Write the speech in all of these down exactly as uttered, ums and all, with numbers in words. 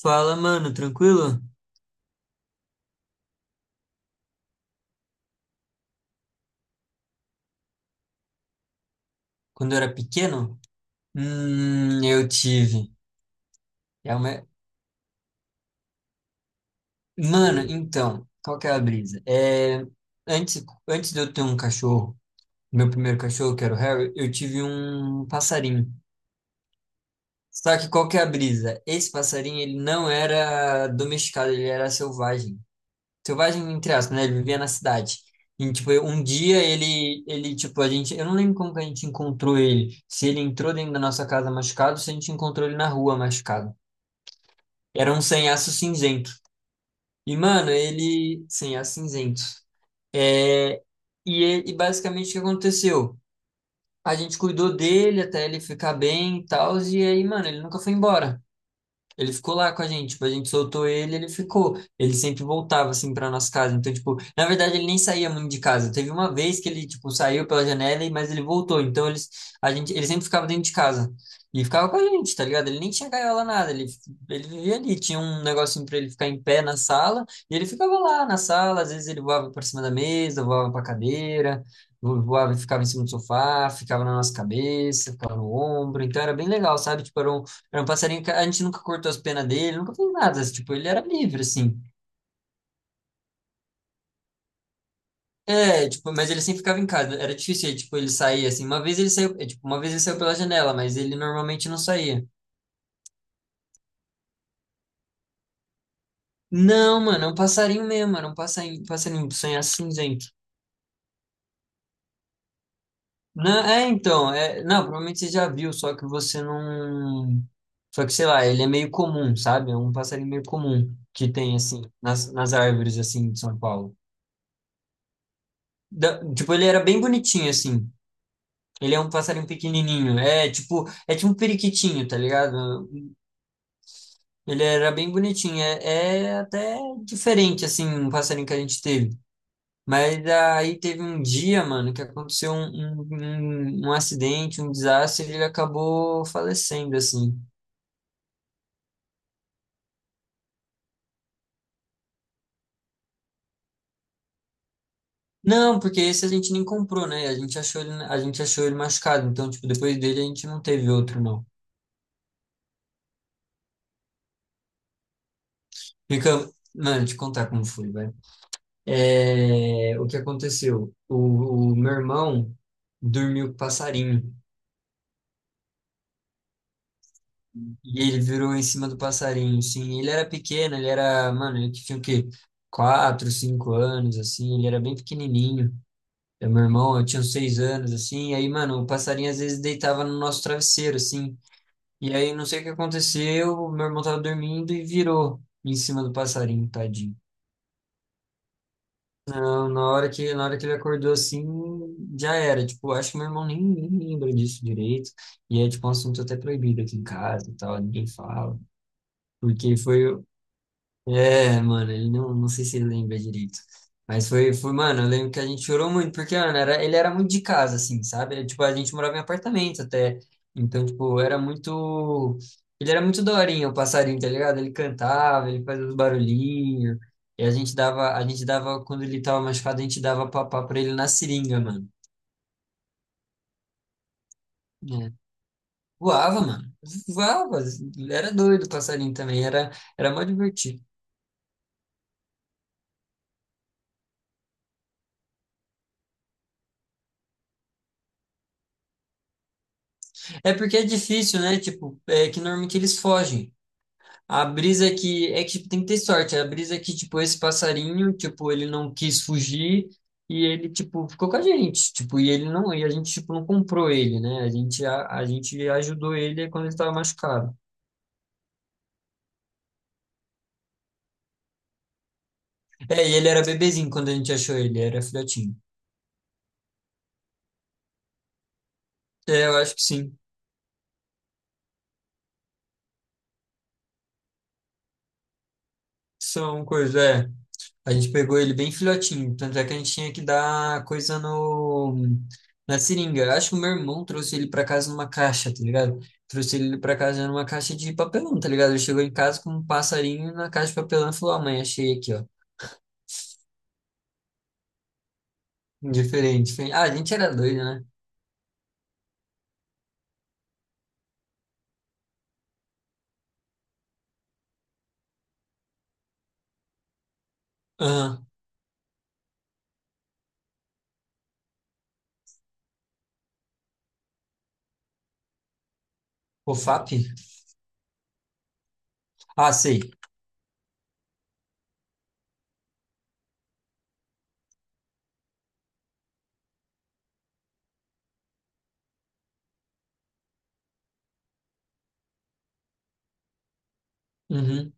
Fala, mano, tranquilo? Quando eu era pequeno, hum, eu tive. É uma... Mano, então, qual que é a brisa? É, antes, antes de eu ter um cachorro, meu primeiro cachorro, que era o Harry, eu tive um passarinho. Só que qual que é a brisa? Esse passarinho, ele não era domesticado, ele era selvagem. Selvagem, entre aspas, né? Ele vivia na cidade. E, tipo, eu- um dia ele, ele, tipo, a gente, eu não lembro como que a gente encontrou ele. Se ele entrou dentro da nossa casa machucado, se a gente encontrou ele na rua machucado. Era um sanhaço cinzento. E, mano, ele, sanhaço cinzento. É. E, ele- e basicamente o que aconteceu? A gente cuidou dele até ele ficar bem e tal, e aí, mano, ele nunca foi embora. Ele ficou lá com a gente, tipo, a gente soltou ele, ele ficou. Ele sempre voltava assim para nossa casa. Então, tipo, na verdade ele nem saía muito de casa. Teve uma vez que ele, tipo, saiu pela janela, e- mas ele voltou. Então, eles, a gente, ele sempre ficava dentro de casa. E ficava com a gente, tá ligado? Ele nem tinha gaiola nada, ele, ele vivia ali, tinha um negocinho para ele ficar em pé na sala, e ele ficava lá na sala, às vezes ele voava para cima da mesa, voava para cadeira, vo- voava e ficava em cima do sofá, ficava na nossa cabeça, ficava no ombro, então era bem legal, sabe? Tipo, era um era um passarinho que a gente nunca cortou as penas dele, nunca fez nada, assim, tipo, ele era livre, assim. É, tipo, mas ele sempre ficava em casa, era difícil, tipo, ele sair, assim, uma vez ele saiu, é, tipo, uma vez ele saiu pela janela, mas ele normalmente não saía. Não, mano, é um passarinho mesmo, era um passarinho, passarinho sonhar cinzento. Não, é, então, é, não, provavelmente você já viu, só que você não... Só que, sei lá, ele é meio comum, sabe? É um passarinho meio comum que tem, assim, nas, nas árvores, assim, de São Paulo. Da- tipo, ele era bem bonitinho, assim. Ele é um passarinho pequenininho. É tipo, é tipo um periquitinho, tá ligado? Ele era bem bonitinho. É, é até diferente, assim, um passarinho que a gente teve. Mas aí teve um dia, mano, que aconteceu um, um, um- um acidente, um desastre, e ele acabou falecendo, assim. Não, porque esse a gente nem comprou, né? A gente achou ele, a gente achou ele machucado. Então, tipo, depois dele a gente não teve outro, não. Fica, mano, te contar como foi, vai. É, o que aconteceu? O, o meu irmão dormiu com o passarinho e ele virou em cima do passarinho. Sim, ele era pequeno, ele era, mano, ele tinha o quê? Quatro, cinco anos, assim, ele era bem pequenininho. É meu irmão, eu tinha uns seis anos, assim, e aí, mano, o passarinho às vezes deitava no nosso travesseiro, assim. E aí, não sei o que aconteceu, meu irmão tava dormindo e virou em cima do passarinho, tadinho. Na hora que, na hora que ele acordou assim, já era. Tipo, acho que meu irmão nem, nem lembra disso direito. E é, tipo, um assunto até proibido aqui em casa e tal, ninguém fala. Porque foi. É, mano, ele não, não sei se ele lembra direito. Mas foi, foi, mano, eu lembro que a gente chorou muito, porque, mano, era, ele era muito de casa, assim, sabe? Era, tipo, a gente morava em apartamento até. Então, tipo, era muito. Ele era muito daorinha, o passarinho, tá ligado? Ele cantava, ele fazia os barulhinhos. E a gente dava, a gente dava, quando ele tava machucado, a gente dava papá pra ele na seringa, mano. É. Voava, mano. Voava. Era doido o passarinho também, era, era mó divertido. É porque é difícil, né? Tipo, é que normalmente eles fogem. A brisa que é que tipo, tem que ter sorte. É A brisa que, tipo, esse passarinho, tipo, ele não quis fugir e ele, tipo, ficou com a gente. Tipo, e ele não, e a gente, tipo, não comprou ele, né? A gente, a, a gente ajudou ele quando ele estava machucado. É, e ele era bebezinho quando a gente achou ele, era filhotinho. É, eu acho que sim. São coisas, é. A gente pegou ele bem filhotinho, tanto é que a gente tinha que dar coisa no na seringa. Eu acho que o meu irmão trouxe ele pra casa numa caixa, tá ligado? Trouxe ele pra casa numa caixa de papelão, tá ligado? Ele chegou em casa com um passarinho na caixa de papelão e falou: "Ah, mãe, achei aqui, ó. Diferente, diferente." Ah, a gente era doido, né? Aham. O fap? Ah, sei. Uhum.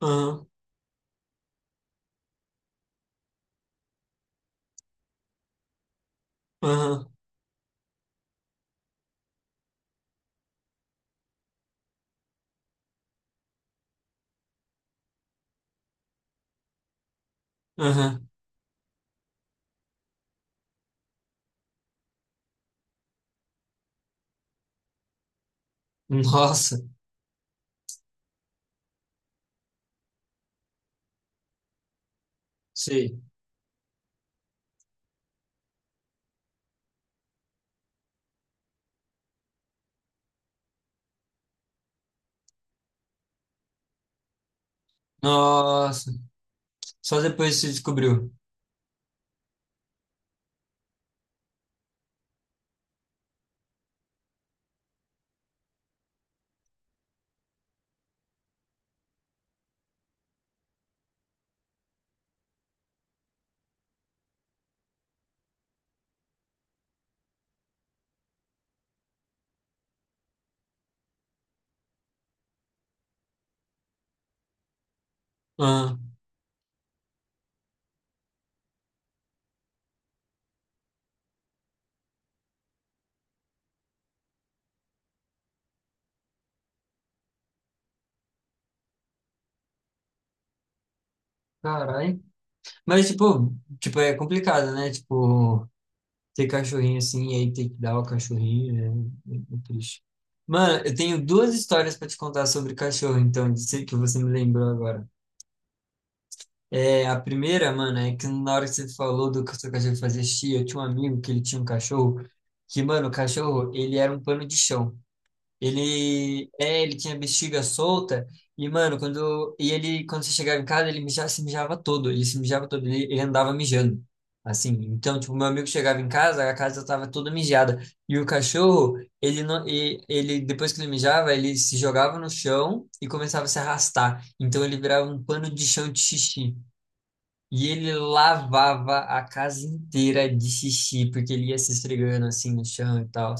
Aham. Aham. Aham. Nossa. Sei. Nossa. Só depois você descobriu. Aham. Caralho. Mas, tipo, tipo, é complicado, né? Tipo, ter cachorrinho assim, e aí ter que dar o cachorrinho, é, é é triste. Mano, eu tenho duas histórias pra te contar sobre cachorro, então, de ser que você me lembrou agora. É, a primeira, mano, é que na hora que você falou do que o seu cachorro fazia xixi, eu tinha um amigo que ele tinha um cachorro, que, mano, o cachorro, ele era um pano de chão. Ele, é, ele tinha bexiga solta e, mano, quando, e ele, quando você chegava em casa, ele mijava, se mijava todo, ele se mijava todo, ele, ele andava mijando, assim. Então, tipo, meu amigo chegava em casa, a casa tava toda mijada. E o cachorro, ele não, e, ele, depois que ele mijava, ele se jogava no chão e começava a se arrastar. Então, ele virava um pano de chão de xixi. E ele lavava a casa inteira de xixi, porque ele ia se esfregando, assim, no chão e tal.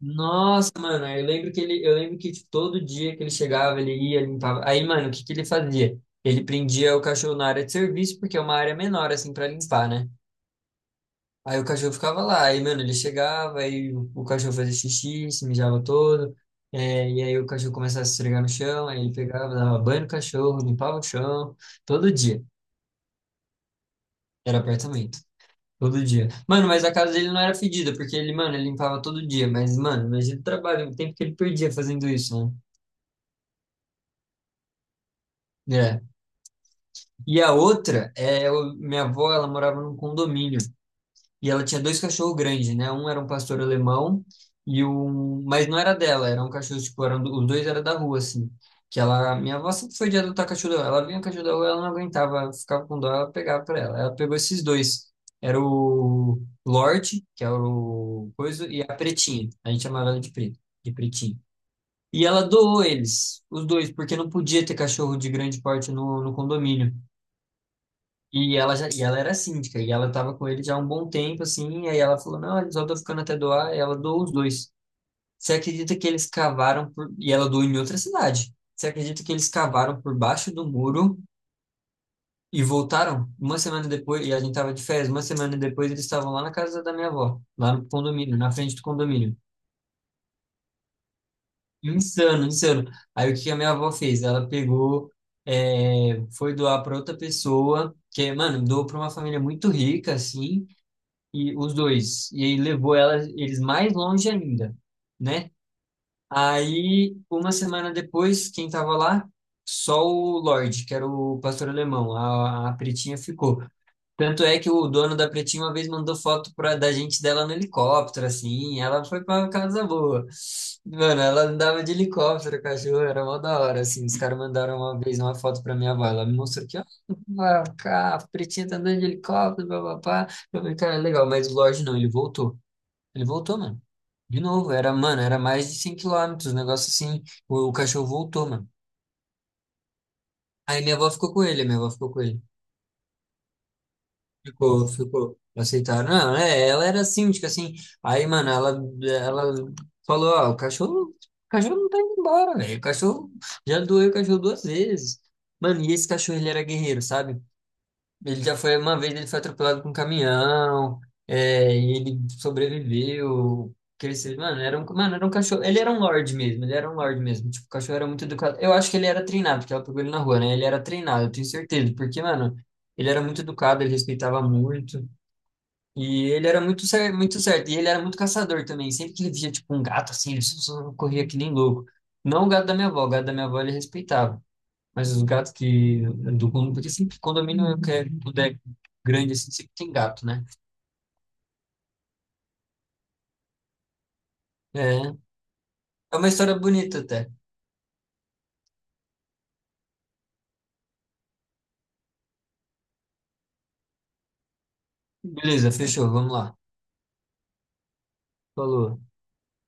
Nossa, mano, eu lembro que ele, eu lembro que tipo, todo dia que ele chegava, ele ia, limpava. Aí, mano, o que que ele fazia? Ele prendia o cachorro na área de serviço, porque é uma área menor, assim, pra limpar, né? Aí o cachorro ficava lá, aí, mano, ele chegava, aí o, o cachorro fazia xixi, se mijava todo, é, e aí o cachorro começava a se esfregar no chão, aí ele pegava, dava banho no cachorro, limpava o chão, todo dia. Era apartamento, todo dia. Mano, mas a casa dele não era fedida, porque ele, mano, ele limpava todo dia, mas, mano, imagina o trabalho, o tempo que ele perdia fazendo isso, né? É. E a outra, é, eu- minha avó, ela morava num condomínio e ela tinha dois cachorros grandes, né? Um era um pastor alemão e um, mas não era dela, era um cachorro tipo, eram, do- os dois eram da rua assim. Que ela, minha avó sempre foi de adotar cachorro da rua. Ela vinha o cachorro da rua, ela não aguentava, ficava com dó, ela pegava pra ela. Ela pegou esses dois. Era o Lorde, que era o coisa, e a Pretinha. A gente chamava ela de Preta, de Pretinha. E ela doou eles, os dois, porque não podia ter cachorro de grande porte no, no condomínio. E ela, já, e ela era síndica, e ela tava com ele já há um bom tempo, assim, e aí ela falou, não, eles só estão ficando até doar, e ela doou os dois. Você acredita que eles cavaram por... E ela doou em outra cidade. Você acredita que eles cavaram por baixo do muro e voltaram? Uma semana depois, e a gente tava de férias, uma semana depois eles estavam lá na casa da minha avó, lá no condomínio, na frente do condomínio. Insano, insano. Aí o que que a minha avó fez? Ela pegou, é, foi doar para outra pessoa, que, mano, doou para uma família muito rica, assim, e os dois. E aí levou ela, eles mais longe ainda, né? Aí, uma semana depois, quem tava lá? Só o Lorde, que era o pastor alemão. A, a Pretinha ficou. Tanto é que o dono da Pretinha uma vez mandou foto pra, da gente dela no helicóptero, assim. Ela foi pra casa boa. Mano, ela andava de helicóptero, cachorro, era mó da hora, assim. Os caras mandaram uma vez uma foto pra minha avó. Ela me mostrou que, ó, a a Pretinha tá andando de helicóptero, papapá. Eu falei, cara, legal, mas o Lorde não, ele voltou. Ele voltou, mano. De novo, era, mano, era mais de cem quilômetros, um negócio assim. O, o cachorro voltou, mano. Aí minha avó ficou com ele, minha avó ficou com ele. Ficou, ficou. Aceitaram. Não, é, ela era síndica, assim. Aí, mano, ela, ela falou, ó, o cachorro, o cachorro não tá indo embora, velho. O cachorro já doeu o cachorro duas vezes. Mano, e esse cachorro, ele era guerreiro, sabe? Ele já foi uma vez, ele foi atropelado por um caminhão, é, e ele sobreviveu. Que ele cresceu, mano, era um, mano, era um cachorro. Ele era um lorde mesmo, ele era um lorde mesmo. Tipo, o cachorro era muito educado. Eu acho que ele era treinado, porque ela pegou ele na rua, né? Ele era treinado, eu tenho certeza, porque, mano, ele era muito educado, ele respeitava muito. E ele era muito certo, muito certo. E ele era muito caçador também. Sempre que ele via, tipo, um gato assim, ele só- só corria que nem louco. Não o gato da minha avó, o gato da minha avó ele respeitava. Mas os gatos que do condomínio, porque sempre condomínio que é- tudo é grande assim, sempre tem gato, né? É, é uma história bonita até. Beleza, fechou, vamos lá. Falou.